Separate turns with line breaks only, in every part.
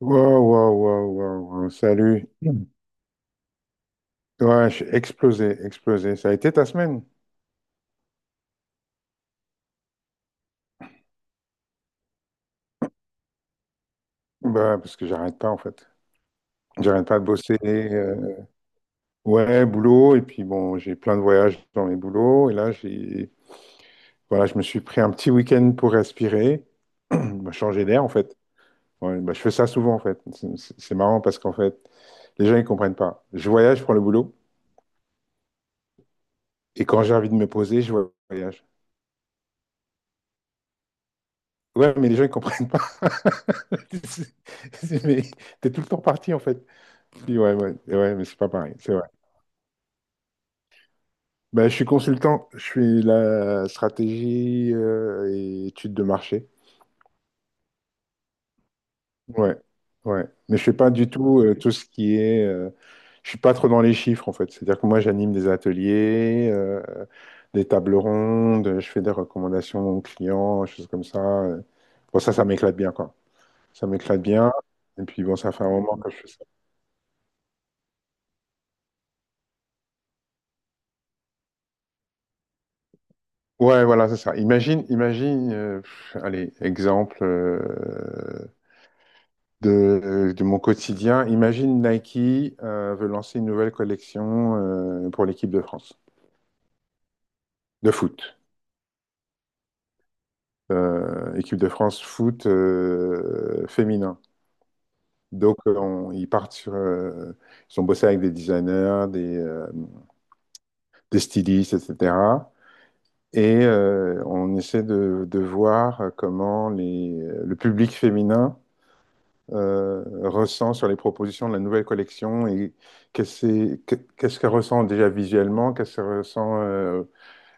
Wow, wow, wow, wow, wow. Salut. Mm. Ouais, je suis explosé, explosé. Ça a été ta semaine? Bah, parce que j'arrête pas, en fait. J'arrête pas de bosser. Ouais, boulot. Et puis, bon, j'ai plein de voyages dans mes boulots. Et là, j'ai, voilà, je me suis pris un petit week-end pour respirer, bah, changer d'air, en fait. Ouais, bah, je fais ça souvent, en fait. C'est marrant parce qu'en fait, les gens, ils comprennent pas. Je voyage pour le boulot. Et quand j'ai envie de me poser, je voyage. Ouais, mais les gens, ils comprennent pas. C'est- Mais t'es tout le temps parti, en fait. Je dis, ouais, ouais, ouais, mais c'est pas pareil, c'est vrai. Ben, je suis consultant, je suis la stratégie et études de marché. Ouais, ouais. Mais je fais pas du tout tout ce qui est. Je suis pas trop dans les chiffres, en fait. C'est-à-dire que moi, j'anime des ateliers, des tables rondes, je fais des recommandations aux clients, choses comme ça. Bon, ça m'éclate bien, quoi. Ça m'éclate bien. Et puis, bon, ça fait un moment que je fais ça. Ouais, voilà, c'est ça. Imagine, imagine, pff, allez, exemple de mon quotidien. Imagine Nike veut lancer une nouvelle collection pour l'équipe de France de foot. Équipe de France foot féminin. Donc, ils partent sur, ils ont bossé avec des designers, des stylistes, etc. Et on essaie de voir comment le public féminin euh, ressent sur les propositions de la nouvelle collection et qu'est-ce qu'est-ce qu'elle ressent déjà visuellement, qu'est-ce qu'elle ressent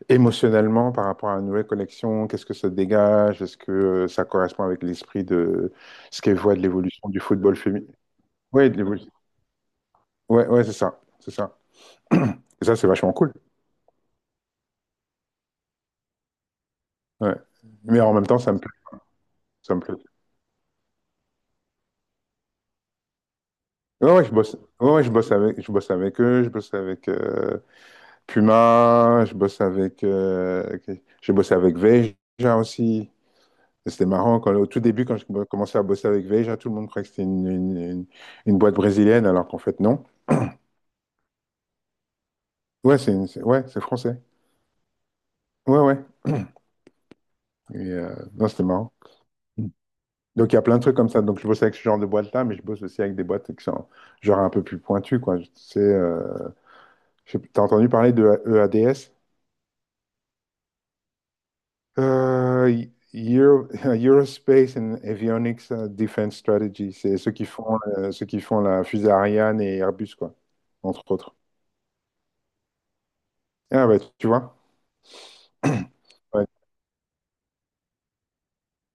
émotionnellement par rapport à la nouvelle collection, qu'est-ce que ça dégage, est-ce que ça correspond avec l'esprit de ce qu'elle voit de l'évolution du football féminin. Oui, de l'évolution. Ouais, ouais, c'est ça, c'est ça. Et ça, c'est vachement cool. Ouais. Mais en même temps, ça me plaît, ça me plaît. Ouais, ouais, je bosse, ouais, ouais, je bosse avec eux, je bosse avec, Puma, je bosse avec, ok, j'ai bossé avec Veja aussi. Et c'était marrant, quand, au tout début, quand j'ai commencé à bosser avec Veja, tout le monde croyait que c'était une boîte brésilienne, alors qu'en fait, non. Ouais, c'est ouais, c'est français. Ouais, ouais. Et, non, c'était marrant. Donc, il y a plein de trucs comme ça. Donc, je bosse avec ce genre de boîte-là, mais je bosse aussi avec des boîtes qui sont genre un peu plus pointues, quoi. Tu sais, t'as entendu parler de EADS? Euh, Euro- Eurospace and Avionics Defense Strategy, c'est ceux qui font la fusée Ariane et Airbus, quoi, entre autres. Ah bah, tu vois. Ouais.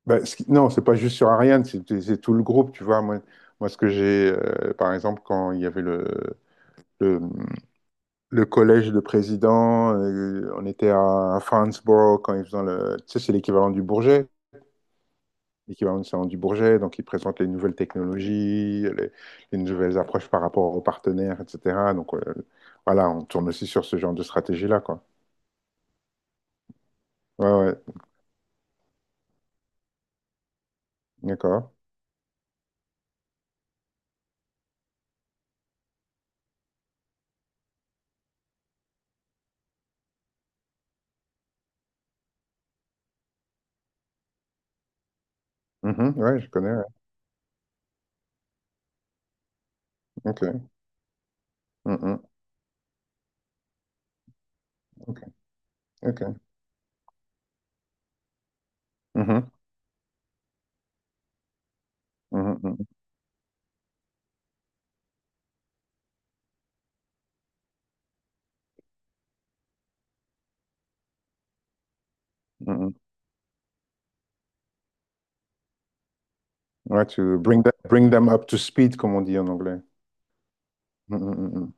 Bah, non, c'est pas juste sur Ariane, c'est tout le groupe, tu vois. Moi, ce que j'ai, par exemple, quand il y avait le, le collège de président, on était à Franceborough quand ils faisaient le. Tu sais, c'est l'équivalent du Bourget, l'équivalent du Salon du Bourget, donc ils présentent les nouvelles technologies, les nouvelles approches par rapport aux partenaires, etc. Donc voilà, on tourne aussi sur ce genre de stratégie-là, quoi. Ouais, ouais, d'accord. Mhm, ouais, je connais. Ouais. Ok. Mhm, ok. Ok. Mhm, mhm, mhm, mhm. Ouais, to bring them up to speed, comme on dit en anglais. Mhm, mhm, mhm.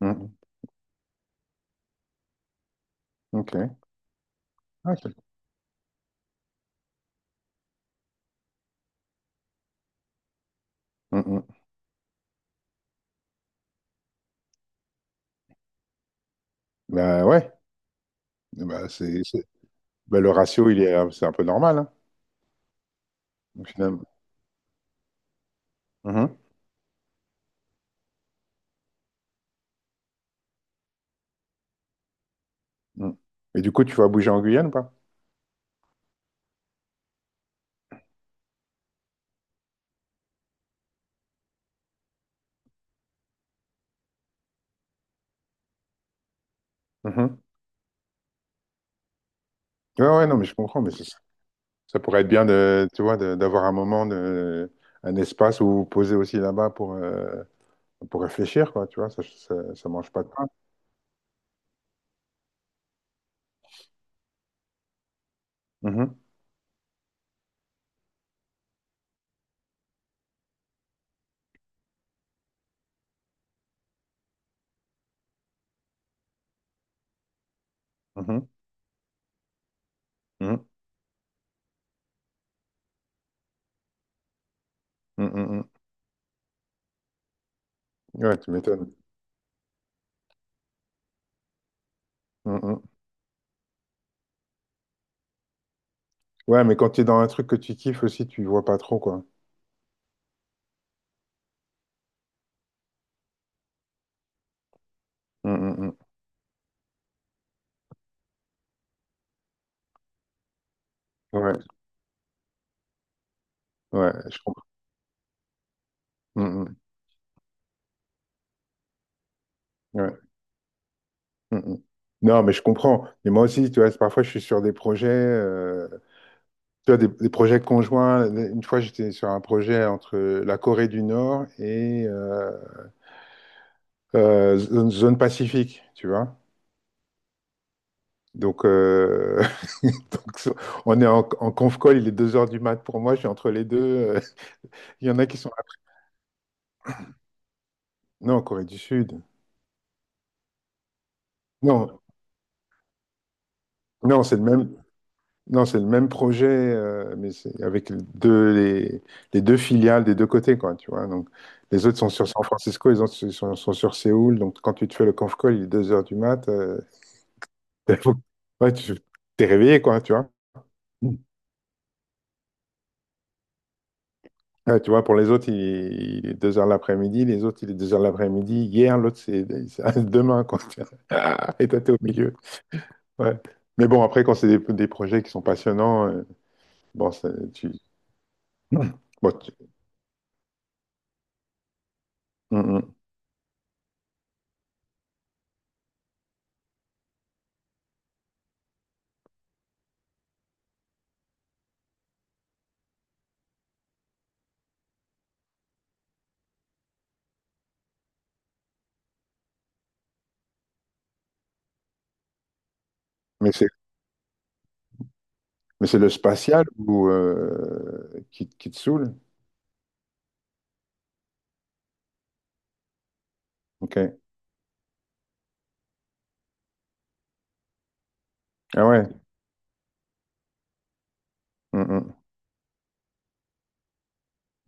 Mhm, ok. Ah, Mhm. Bah ouais. Bah, bah, le ratio, il est, c'est un peu normal, hein, au final. Mhm, mhm. Et du coup, tu vas bouger en Guyane, pas. Mhm. Ouais, ouais, non, mais je comprends, mais ça pourrait être bien de, tu vois, d'avoir un moment de, un espace où vous posez aussi là-bas pour réfléchir, quoi, tu vois, ça mange pas de pain. Mhm, mhm, mhm, mhm, mhm. Ouais, tu m'étonnes. Mhm. Ouais, mais quand tu es dans un truc que tu kiffes aussi, tu vois pas trop, quoi. Mhm, mhm. Ouais, ouais, je comprends. Mhm, ouais, mhm. Non, mais je comprends. Mais moi aussi, tu vois, parfois je suis sur des projets. Tu vois, des projets conjoints. Une fois, j'étais sur un projet entre la Corée du Nord et zone Pacifique, tu vois. Donc, donc, so, on est en, en conf call, il est 2 heures du mat pour moi, je suis entre les deux. Il y en a qui sont... Non, Corée du Sud. Non, non, c'est le même, non, c'est le même projet, mais c'est avec les deux, les deux filiales des deux côtés, quoi, tu vois. Donc, les autres sont sur San Francisco, les autres sont sur Séoul. Donc, quand tu te fais le conf call, il est 2 heures du mat. T'es- Ouais, tu t'es réveillé, quoi, tu vois. Mm. Ouais, tu vois, pour les autres, il est 2 heures l'après-midi, les autres, il est 2 heures l'après-midi, hier, l'autre, c'est demain, quoi. Tu vois. Ah, et toi, t'es au milieu. Ouais. Mais bon, après, quand c'est des projets qui sont passionnants, bon, Mm. bon, tu- Mm, mm. Mais c'est le spatial ou, qui te saoule? Ok. Ah ouais. Mm,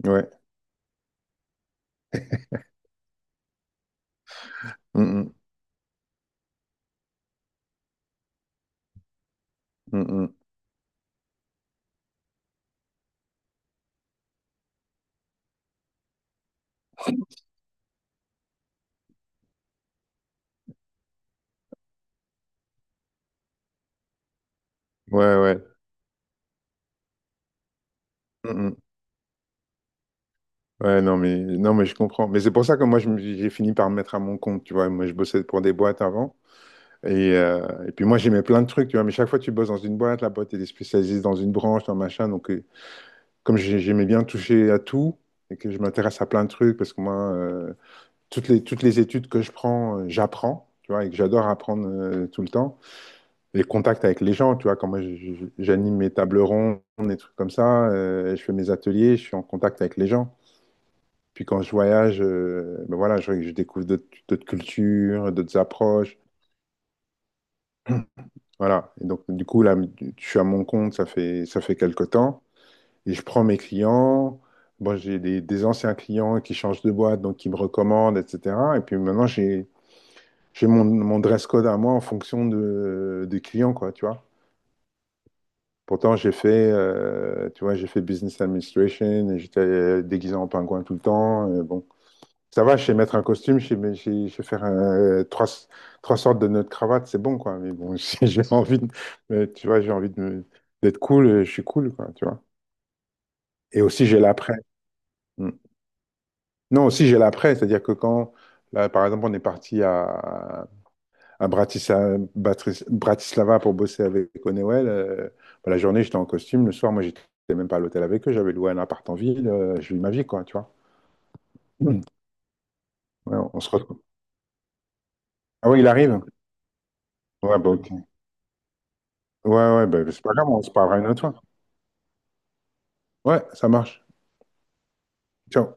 mm. Ouais. Mm, mm. Mm, mm. Ouais, ouais. Mm, mm. Ouais, non, mais, non, mais je comprends. Mais c'est pour ça que moi, j'ai fini par me mettre à mon compte, tu vois. Moi, je bossais pour des boîtes avant. Et puis moi, j'aimais plein de trucs, tu vois. Mais chaque fois que tu bosses dans une boîte, la boîte, elle est spécialisée dans une branche, dans machin. Donc, comme j'aimais bien toucher à tout et que je m'intéresse à plein de trucs, parce que moi, toutes les études que je prends, j'apprends, tu vois, et que j'adore apprendre tout le temps. Les contacts avec les gens, tu vois, quand moi, j'anime mes tables rondes, des trucs comme ça, je fais mes ateliers, je suis en contact avec les gens. Puis quand je voyage, ben voilà, je découvre d'autres cultures, d'autres approches. Voilà. Et donc, du coup, là, je suis à mon compte, ça fait quelque temps. Et je prends mes clients. Bon, j'ai des anciens clients qui changent de boîte, donc qui me recommandent, etc. Et puis maintenant, j'ai mon dress code à moi en fonction des clients, quoi, tu vois. Pourtant, j'ai fait, tu vois, j'ai fait business administration et j'étais déguisé en pingouin tout le temps. Bon, ça va, je sais mettre un costume, je sais, mais je sais faire trois sortes de nœuds de cravate, c'est bon, quoi. Mais bon, si j'ai envie de, mais tu vois, j'ai envie d'être cool, je suis cool, quoi, tu vois. Et aussi, j'ai l'après. Mm. Non, aussi, j'ai l'après, c'est-à-dire que quand, là, par exemple, on est parti à Bratislava pour bosser avec Honeywell, bah, la journée, j'étais en costume, le soir, moi, j'étais même pas à l'hôtel avec eux, j'avais loué un appart en ville, je vis ma vie, quoi, tu vois. Mm. Ouais, on se retrouve. Ah oui, il arrive? Ouais, bah, ok. Ouais, ouais, bah, c'est pas grave, on se parlera une autre fois. Ouais, ça marche. Ciao.